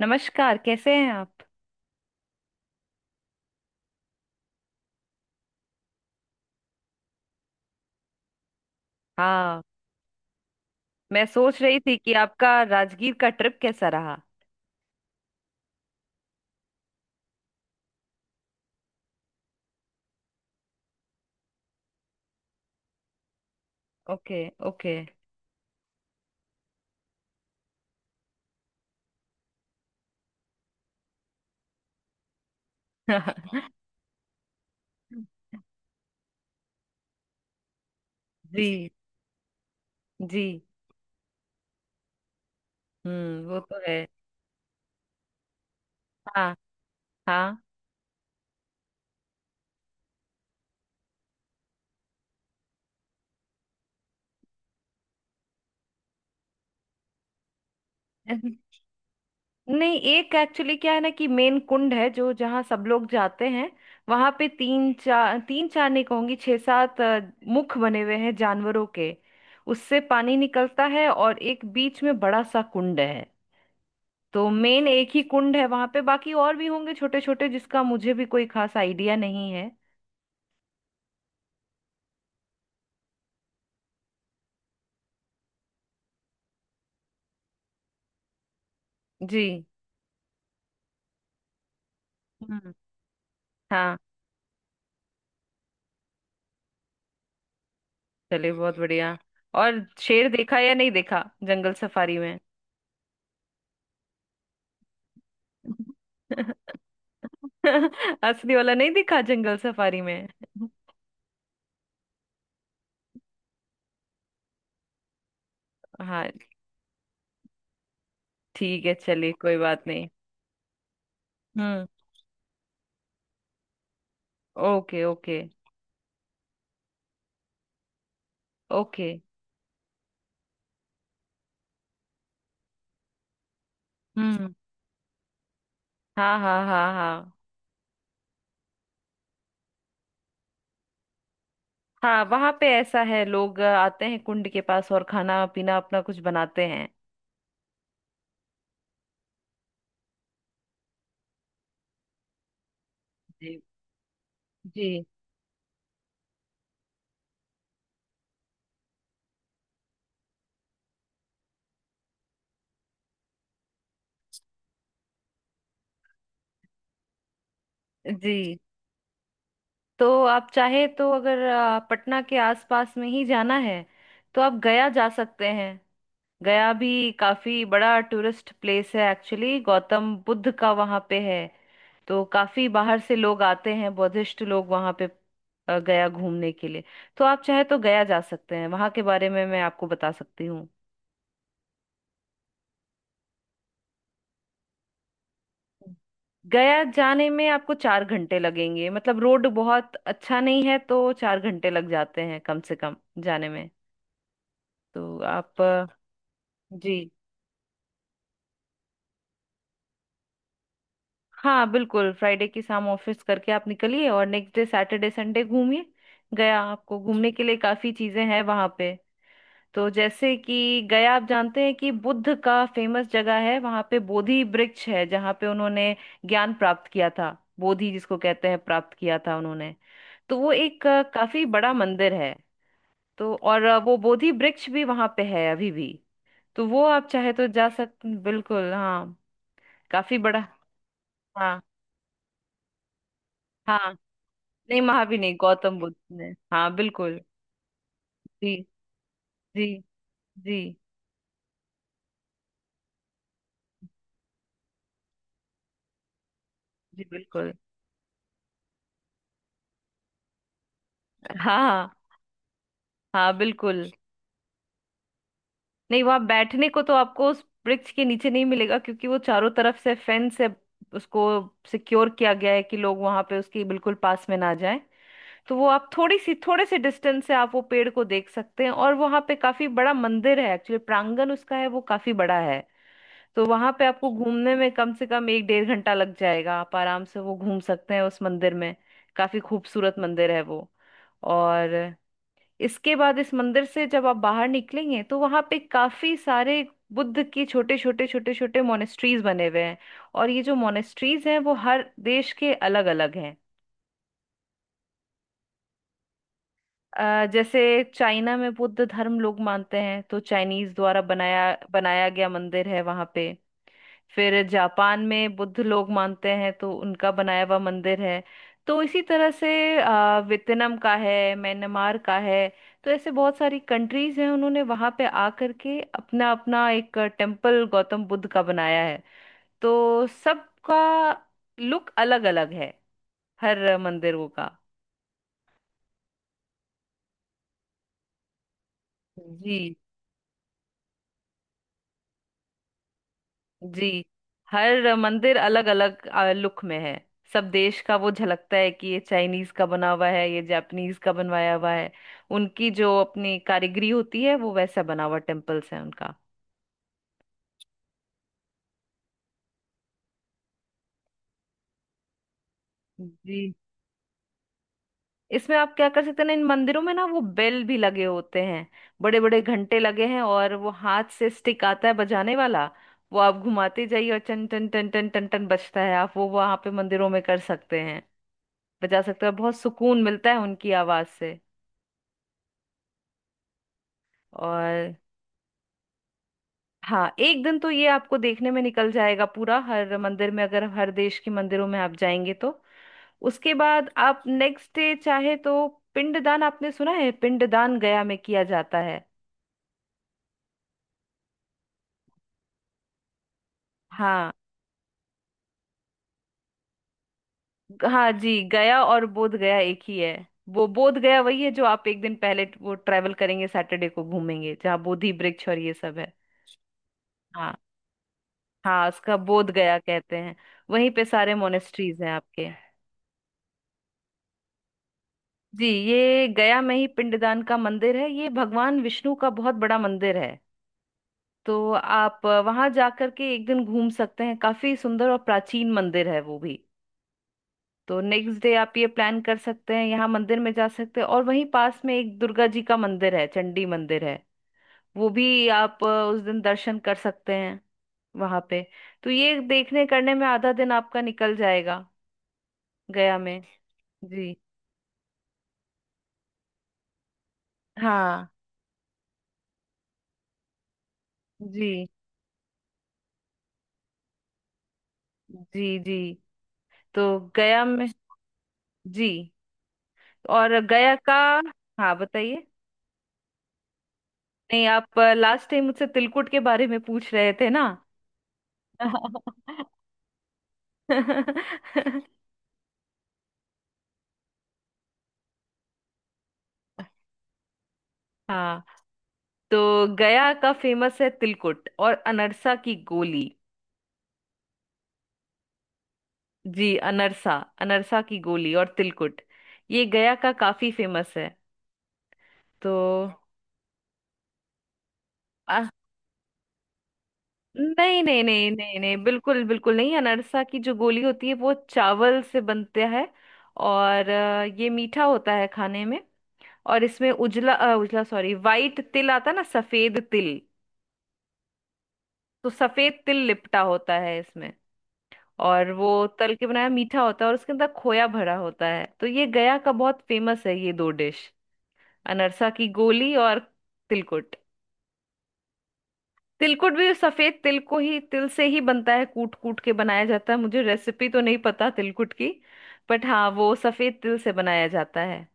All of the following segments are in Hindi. नमस्कार, कैसे हैं आप। हाँ, मैं सोच रही थी कि आपका राजगीर का ट्रिप कैसा रहा। Okay okay. जी जी। हम्म, वो तो है। हाँ हाँ। नहीं, एक एक्चुअली क्या है ना कि मेन कुंड है जो जहाँ सब लोग जाते हैं। वहां पे तीन चार, तीन चार नहीं कहूंगी, छह सात मुख बने हुए हैं जानवरों के। उससे पानी निकलता है और एक बीच में बड़ा सा कुंड है। तो मेन एक ही कुंड है वहां पे, बाकी और भी होंगे छोटे छोटे जिसका मुझे भी कोई खास आइडिया नहीं है। जी। हम्म। हाँ। चलिए, बहुत बढ़िया। और शेर देखा या नहीं देखा जंगल सफारी में। असली वाला नहीं दिखा जंगल सफारी में। हाँ, ठीक है, चलिए कोई बात नहीं। हम्म। Okay okay okay. हम्म। हाँ हाँ हाँ हाँ। हाँ, वहां पे ऐसा है, लोग आते हैं कुंड के पास और खाना पीना अपना कुछ बनाते हैं। जी जी। जी, तो आप चाहे तो अगर पटना के आसपास में ही जाना है तो आप गया जा सकते हैं। गया भी काफी बड़ा टूरिस्ट प्लेस है, एक्चुअली गौतम बुद्ध का वहाँ पे है। तो काफी बाहर से लोग आते हैं, बुद्धिस्ट लोग वहाँ पे गया घूमने के लिए। तो आप चाहे तो गया जा सकते हैं, वहाँ के बारे में मैं आपको बता सकती हूँ। गया जाने में आपको 4 घंटे लगेंगे, मतलब रोड बहुत अच्छा नहीं है तो 4 घंटे लग जाते हैं कम से कम जाने में। तो आप जी। हाँ बिल्कुल, फ्राइडे की शाम ऑफिस करके आप निकलिए और नेक्स्ट डे सैटरडे संडे घूमिए। गया आपको घूमने के लिए काफी चीजें हैं वहां पे। तो जैसे कि गया, आप जानते हैं कि बुद्ध का फेमस जगह है। वहां पे बोधि वृक्ष है जहाँ पे उन्होंने ज्ञान प्राप्त किया था, बोधि जिसको कहते हैं प्राप्त किया था उन्होंने। तो वो एक काफी बड़ा मंदिर है। तो और वो बोधि वृक्ष भी वहां पे है अभी भी। तो वो आप चाहे तो जा सकते, बिल्कुल। हाँ, काफी बड़ा। हाँ हाँ। नहीं, महावीर नहीं, गौतम बुद्ध ने, हाँ बिल्कुल। जी जी। जी। जी बिल्कुल। हाँ हाँ हाँ बिल्कुल। नहीं, वहां बैठने को तो आपको उस वृक्ष के नीचे नहीं मिलेगा क्योंकि वो चारों तरफ से फेंस से उसको सिक्योर किया गया है कि लोग वहां पे उसके बिल्कुल पास में ना जाएं। तो वो आप थोड़ी सी, थोड़े से डिस्टेंस से आप वो पेड़ को देख सकते हैं। और वहां पे काफी बड़ा मंदिर है, एक्चुअली प्रांगण उसका है वो काफी बड़ा है। तो वहां पे आपको घूमने में कम से कम एक डेढ़ घंटा लग जाएगा, आप आराम से वो घूम सकते हैं उस मंदिर में। काफी खूबसूरत मंदिर है वो। और इसके बाद इस मंदिर से जब आप बाहर निकलेंगे तो वहां पे काफी सारे बुद्ध के छोटे छोटे मोनेस्ट्रीज बने हुए हैं। और ये जो मोनेस्ट्रीज हैं वो हर देश के अलग अलग हैं। जैसे चाइना में बुद्ध धर्म लोग मानते हैं तो चाइनीज द्वारा बनाया बनाया गया मंदिर है वहां पे। फिर जापान में बुद्ध लोग मानते हैं तो उनका बनाया हुआ मंदिर है। तो इसी तरह से वियतनाम का है, म्यांमार का है। तो ऐसे बहुत सारी कंट्रीज हैं, उन्होंने वहां पे आ करके अपना अपना एक टेम्पल गौतम बुद्ध का बनाया है। तो सबका लुक अलग अलग है हर मंदिरों का। जी जी। हर मंदिर अलग अलग लुक में है। सब देश का वो झलकता है कि ये चाइनीज का बना हुआ है, ये जापानीज का बनवाया हुआ है। उनकी जो अपनी कारीगरी होती है वो वैसा बना हुआ टेम्पल्स है उनका। जी। इसमें आप क्या कर सकते हैं ना, इन मंदिरों में ना वो बेल भी लगे होते हैं, बड़े बड़े घंटे लगे हैं। और वो हाथ से स्टिक आता है बजाने वाला, वो आप घुमाते जाइए और टन टन टन टन टन टन बजता है। आप वो वहां पे मंदिरों में कर सकते हैं, बजा सकते हैं, और बहुत सुकून मिलता है उनकी आवाज से। और हाँ, एक दिन तो ये आपको देखने में निकल जाएगा पूरा, हर मंदिर में अगर हर देश के मंदिरों में आप जाएंगे तो। उसके बाद आप नेक्स्ट डे चाहे तो पिंडदान, आपने सुना है पिंडदान गया में किया जाता है। हाँ। हाँ जी, गया और बोध गया एक ही है। वो बोध गया वही है जो आप एक दिन पहले वो ट्रेवल करेंगे सैटरडे को, घूमेंगे जहाँ बोधि वृक्ष और ये सब है। हाँ। हाँ, उसका बोध गया कहते हैं। वहीं पे सारे मोनेस्ट्रीज हैं आपके। जी, ये गया में ही पिंडदान का मंदिर है, ये भगवान विष्णु का बहुत बड़ा मंदिर है। तो आप वहां जाकर के एक दिन घूम सकते हैं, काफी सुंदर और प्राचीन मंदिर है वो भी। तो नेक्स्ट डे आप ये प्लान कर सकते हैं, यहाँ मंदिर में जा सकते हैं, और वहीं पास में एक दुर्गा जी का मंदिर है, चंडी मंदिर है, वो भी आप उस दिन दर्शन कर सकते हैं वहां पे। तो ये देखने करने में आधा दिन आपका निकल जाएगा गया में। जी। हाँ। जी जी। जी, तो गया में। जी। और गया का, हाँ बताइए। नहीं, आप लास्ट टाइम मुझसे तिलकुट के बारे में पूछ रहे थे ना। हाँ, तो गया का फेमस है तिलकुट और अनरसा की गोली। जी, अनरसा, अनरसा की गोली और तिलकुट, ये गया का काफी फेमस है। तो आ, नहीं नहीं नहीं नहीं नहीं, बिल्कुल बिल्कुल नहीं। अनरसा की जो गोली होती है वो चावल से बनता है, और ये मीठा होता है खाने में। और इसमें उजला, उजला सॉरी वाइट तिल आता है ना, सफेद तिल। तो सफेद तिल लिपटा होता है इसमें। और वो तल के बनाया मीठा होता है, और उसके अंदर खोया भरा होता है। तो ये गया का बहुत फेमस है, ये दो डिश, अनरसा की गोली और तिलकुट। तिलकुट भी सफेद तिल को ही, तिल से ही बनता है, कूट कूट के बनाया जाता है। मुझे रेसिपी तो नहीं पता तिलकुट की, बट हाँ वो सफेद तिल से बनाया जाता है।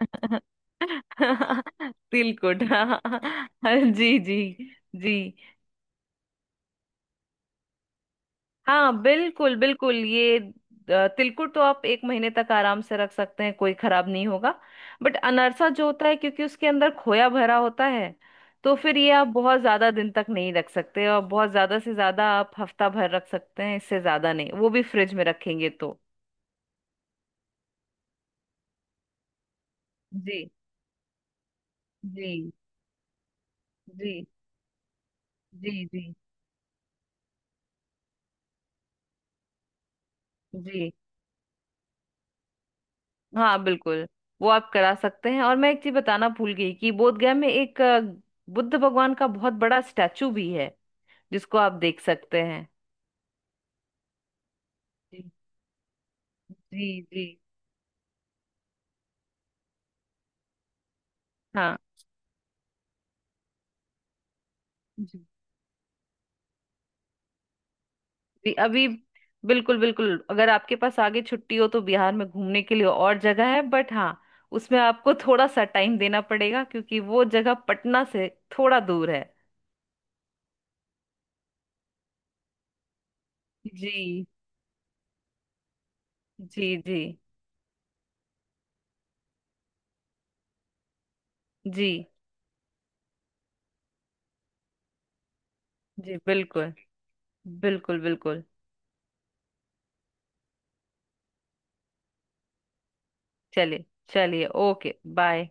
तिलकुट, हाँ जी जी। जी। हाँ बिल्कुल बिल्कुल। ये तिलकुट तो आप एक महीने तक आराम से रख सकते हैं, कोई खराब नहीं होगा। बट अनरसा जो होता है, क्योंकि उसके अंदर खोया भरा होता है, तो फिर ये आप बहुत ज्यादा दिन तक नहीं रख सकते। और बहुत ज्यादा से ज्यादा आप हफ्ता भर रख सकते हैं, इससे ज्यादा नहीं, वो भी फ्रिज में रखेंगे तो। जी जी जी जी जी जी। हाँ बिल्कुल, वो आप करा सकते हैं। और मैं एक चीज बताना भूल गई कि बोधगया में एक बुद्ध भगवान का बहुत बड़ा स्टैचू भी है जिसको आप देख सकते हैं। जी जी जी। हाँ जी जी। अभी बिल्कुल बिल्कुल। अगर आपके पास आगे छुट्टी हो तो बिहार में घूमने के लिए और जगह है, बट हाँ उसमें आपको थोड़ा सा टाइम देना पड़ेगा क्योंकि वो जगह पटना से थोड़ा दूर है। जी जी। जी जी। जी बिल्कुल बिल्कुल बिल्कुल। चलिए। चलिए, ओके बाय।